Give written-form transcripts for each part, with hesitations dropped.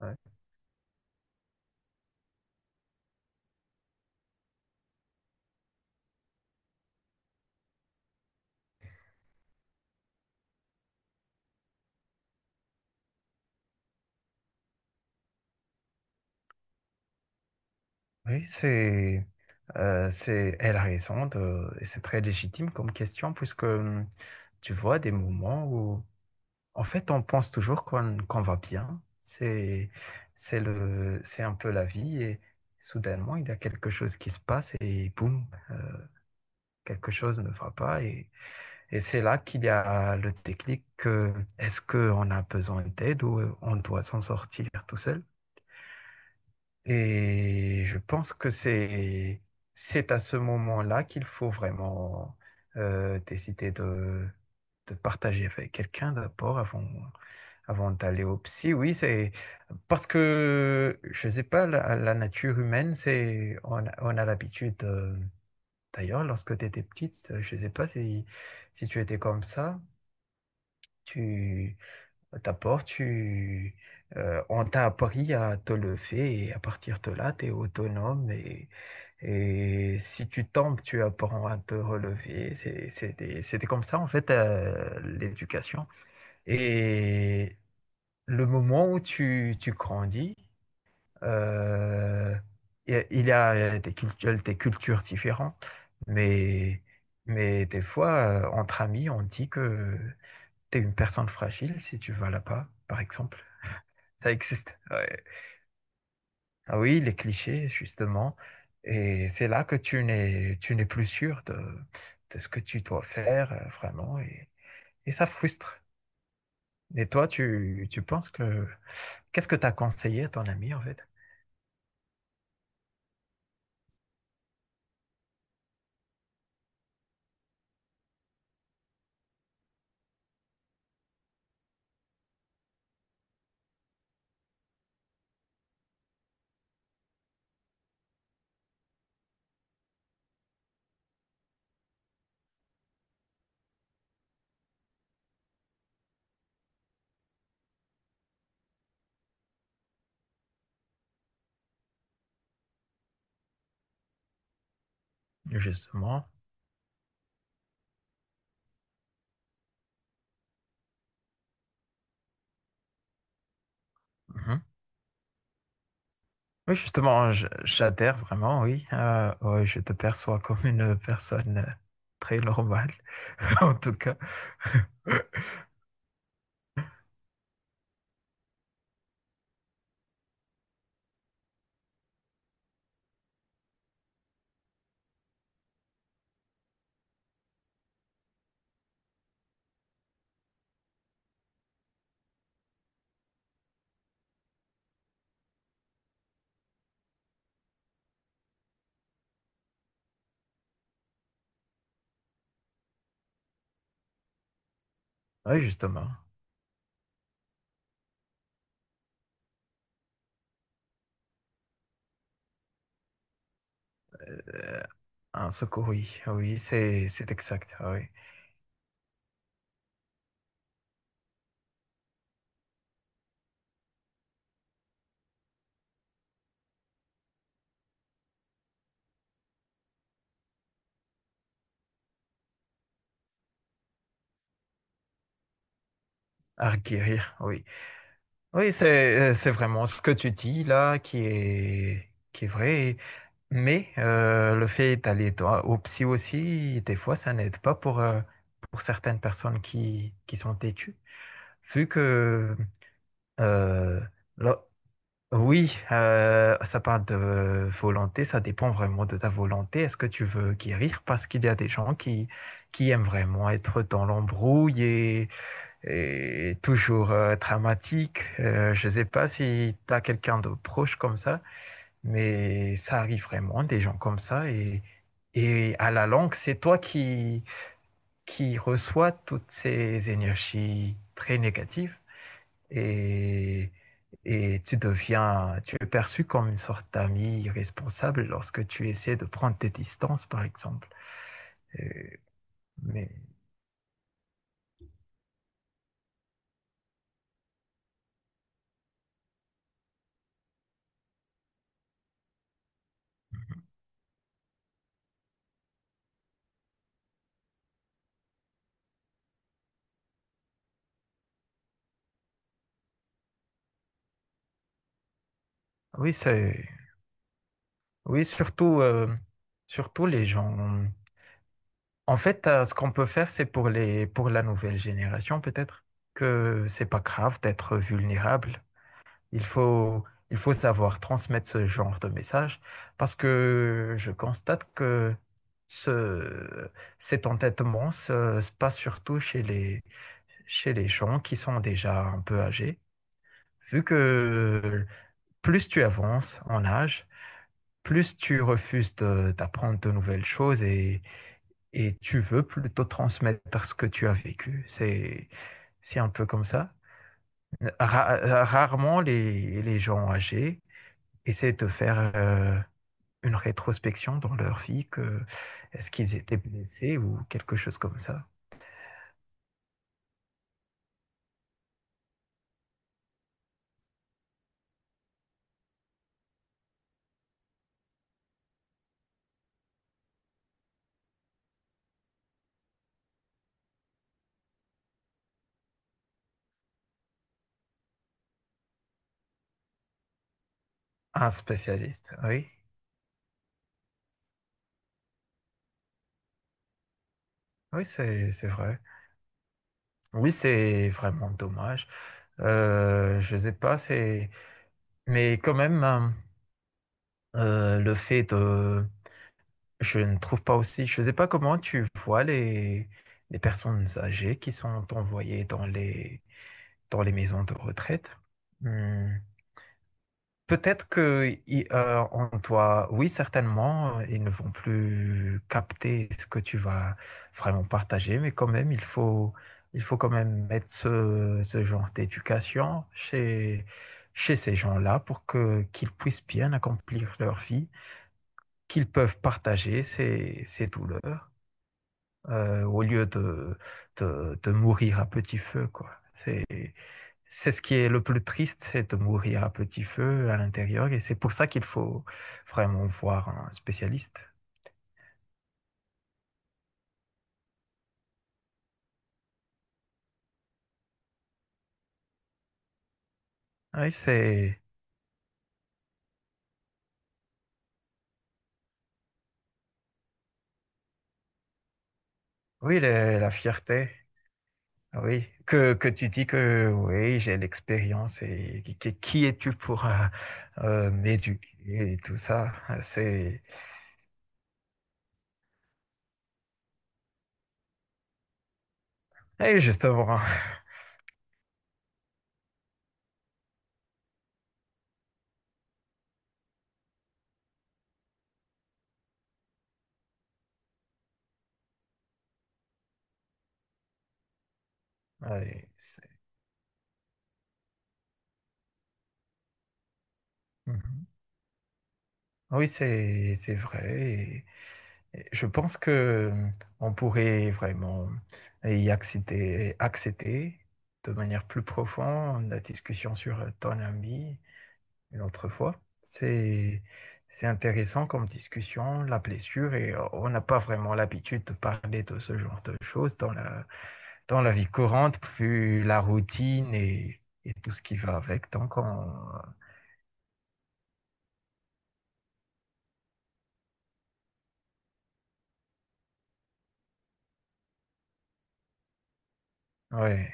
Ouais. Oui, elle a raison de, et c'est très légitime comme question puisque tu vois des moments où, en fait, on pense toujours qu'on va bien. C'est un peu la vie et soudainement, il y a quelque chose qui se passe et boum, quelque chose ne va pas et, et c'est là qu'il y a le déclic que est-ce qu'on a besoin d'aide ou on doit s'en sortir tout seul? Et je pense que c'est à ce moment-là qu'il faut vraiment décider de partager avec quelqu'un d'abord avant, avant d'aller au psy. Oui, c'est parce que, je ne sais pas, la nature humaine, c'est on a l'habitude, d'ailleurs, lorsque tu étais petite, je ne sais pas si, si tu étais comme ça. D'abord, on t'a appris à te lever et à partir de là, tu es autonome et si tu tombes, tu apprends à te relever. C'était comme ça, en fait, l'éducation. Et le moment où tu grandis, euh, il y a des cultures différentes, mais, mais des fois, entre amis, on dit que tu es une personne fragile si tu vas là-bas, par exemple. Ça existe, ouais. Ah oui, les clichés, justement. Et c'est là que tu n'es plus sûr de ce que tu dois faire, vraiment. Et ça frustre. Et toi, tu penses que... Qu'est-ce que tu as conseillé à ton ami, en fait? Justement. Mhm. Oui, justement, j'adhère vraiment, oui. Ouais, je te perçois comme une personne très normale, en tout cas. Oui, justement. Un secours, oui, ah oui, c'est exact. Ah oui. À requérir, oui. Oui, c'est vraiment ce que tu dis là qui est vrai. Mais le fait d'aller toi au psy aussi, des fois, ça n'aide pas pour pour certaines personnes qui sont têtues, vu que euh, là- oui, ça parle de volonté, ça dépend vraiment de ta volonté. Est-ce que tu veux guérir? Parce qu'il y a des gens qui aiment vraiment être dans l'embrouille et toujours dramatique. Je ne sais pas si tu as quelqu'un de proche comme ça, mais ça arrive vraiment, des gens comme ça. Et à la longue, c'est toi qui reçois toutes ces énergies très négatives et, et tu deviens, tu es perçu comme une sorte d'ami irresponsable lorsque tu essaies de prendre tes distances, par exemple. Et- mais oui, c'est, oui, surtout, surtout les gens. En fait, ce qu'on peut faire, c'est pour les, pour la nouvelle génération, peut-être, que c'est pas grave d'être vulnérable. Il faut, il faut savoir transmettre ce genre de message parce que je constate que ce, cet entêtement se, se passe surtout chez les gens qui sont déjà un peu âgés, vu que plus tu avances en âge, plus tu refuses d'apprendre de nouvelles choses et tu veux plutôt transmettre ce que tu as vécu. C'est un peu comme ça. Rarement les gens âgés essayer de te faire une rétrospection dans leur vie, que est-ce qu'ils étaient blessés ou quelque chose comme ça. Un spécialiste, oui. Oui, c'est vrai. Oui, c'est vraiment dommage. Je sais pas, c'est... Mais quand même, hein, le fait de... Je ne trouve pas aussi... Je sais pas comment tu vois les personnes âgées qui sont envoyées dans les maisons de retraite. Hmm. Peut-être que on doit, oui, certainement, ils ne vont plus capter ce que tu vas vraiment partager, mais quand même, il faut quand même mettre ce genre d'éducation chez, chez ces gens-là pour que qu'ils puissent bien accomplir leur vie, qu'ils peuvent partager ces, ces douleurs au lieu de, de mourir à petit feu, quoi. C'est ce qui est le plus triste, c'est de mourir à petit feu à l'intérieur. Et c'est pour ça qu'il faut vraiment voir un spécialiste. Oui, c'est, oui, la fierté. Oui, que tu dis que oui, j'ai l'expérience et qui es-tu pour m'éduquer et tout ça. C'est, et justement, oui, c'est- Mhm. Oui, c'est vrai. Je pense que on pourrait vraiment y accéder, accéder de manière plus profonde la discussion sur ton ami une autre fois. C'est intéressant comme discussion, la blessure, et on n'a pas vraiment l'habitude de parler de ce genre de choses dans la vie courante, vu la routine et tout ce qui va avec. Donc, on, ouais.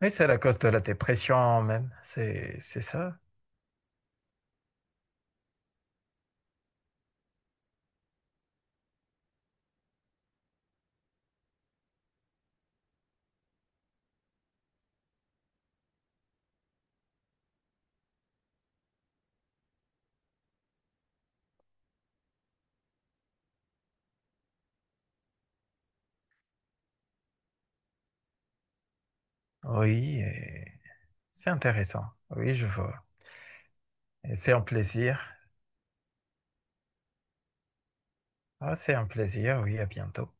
Mais c'est la cause de la dépression même, c'est ça. Oui. C'est intéressant. Oui, je vois. Et c'est un plaisir. Ah, c'est un plaisir. Oui, à bientôt.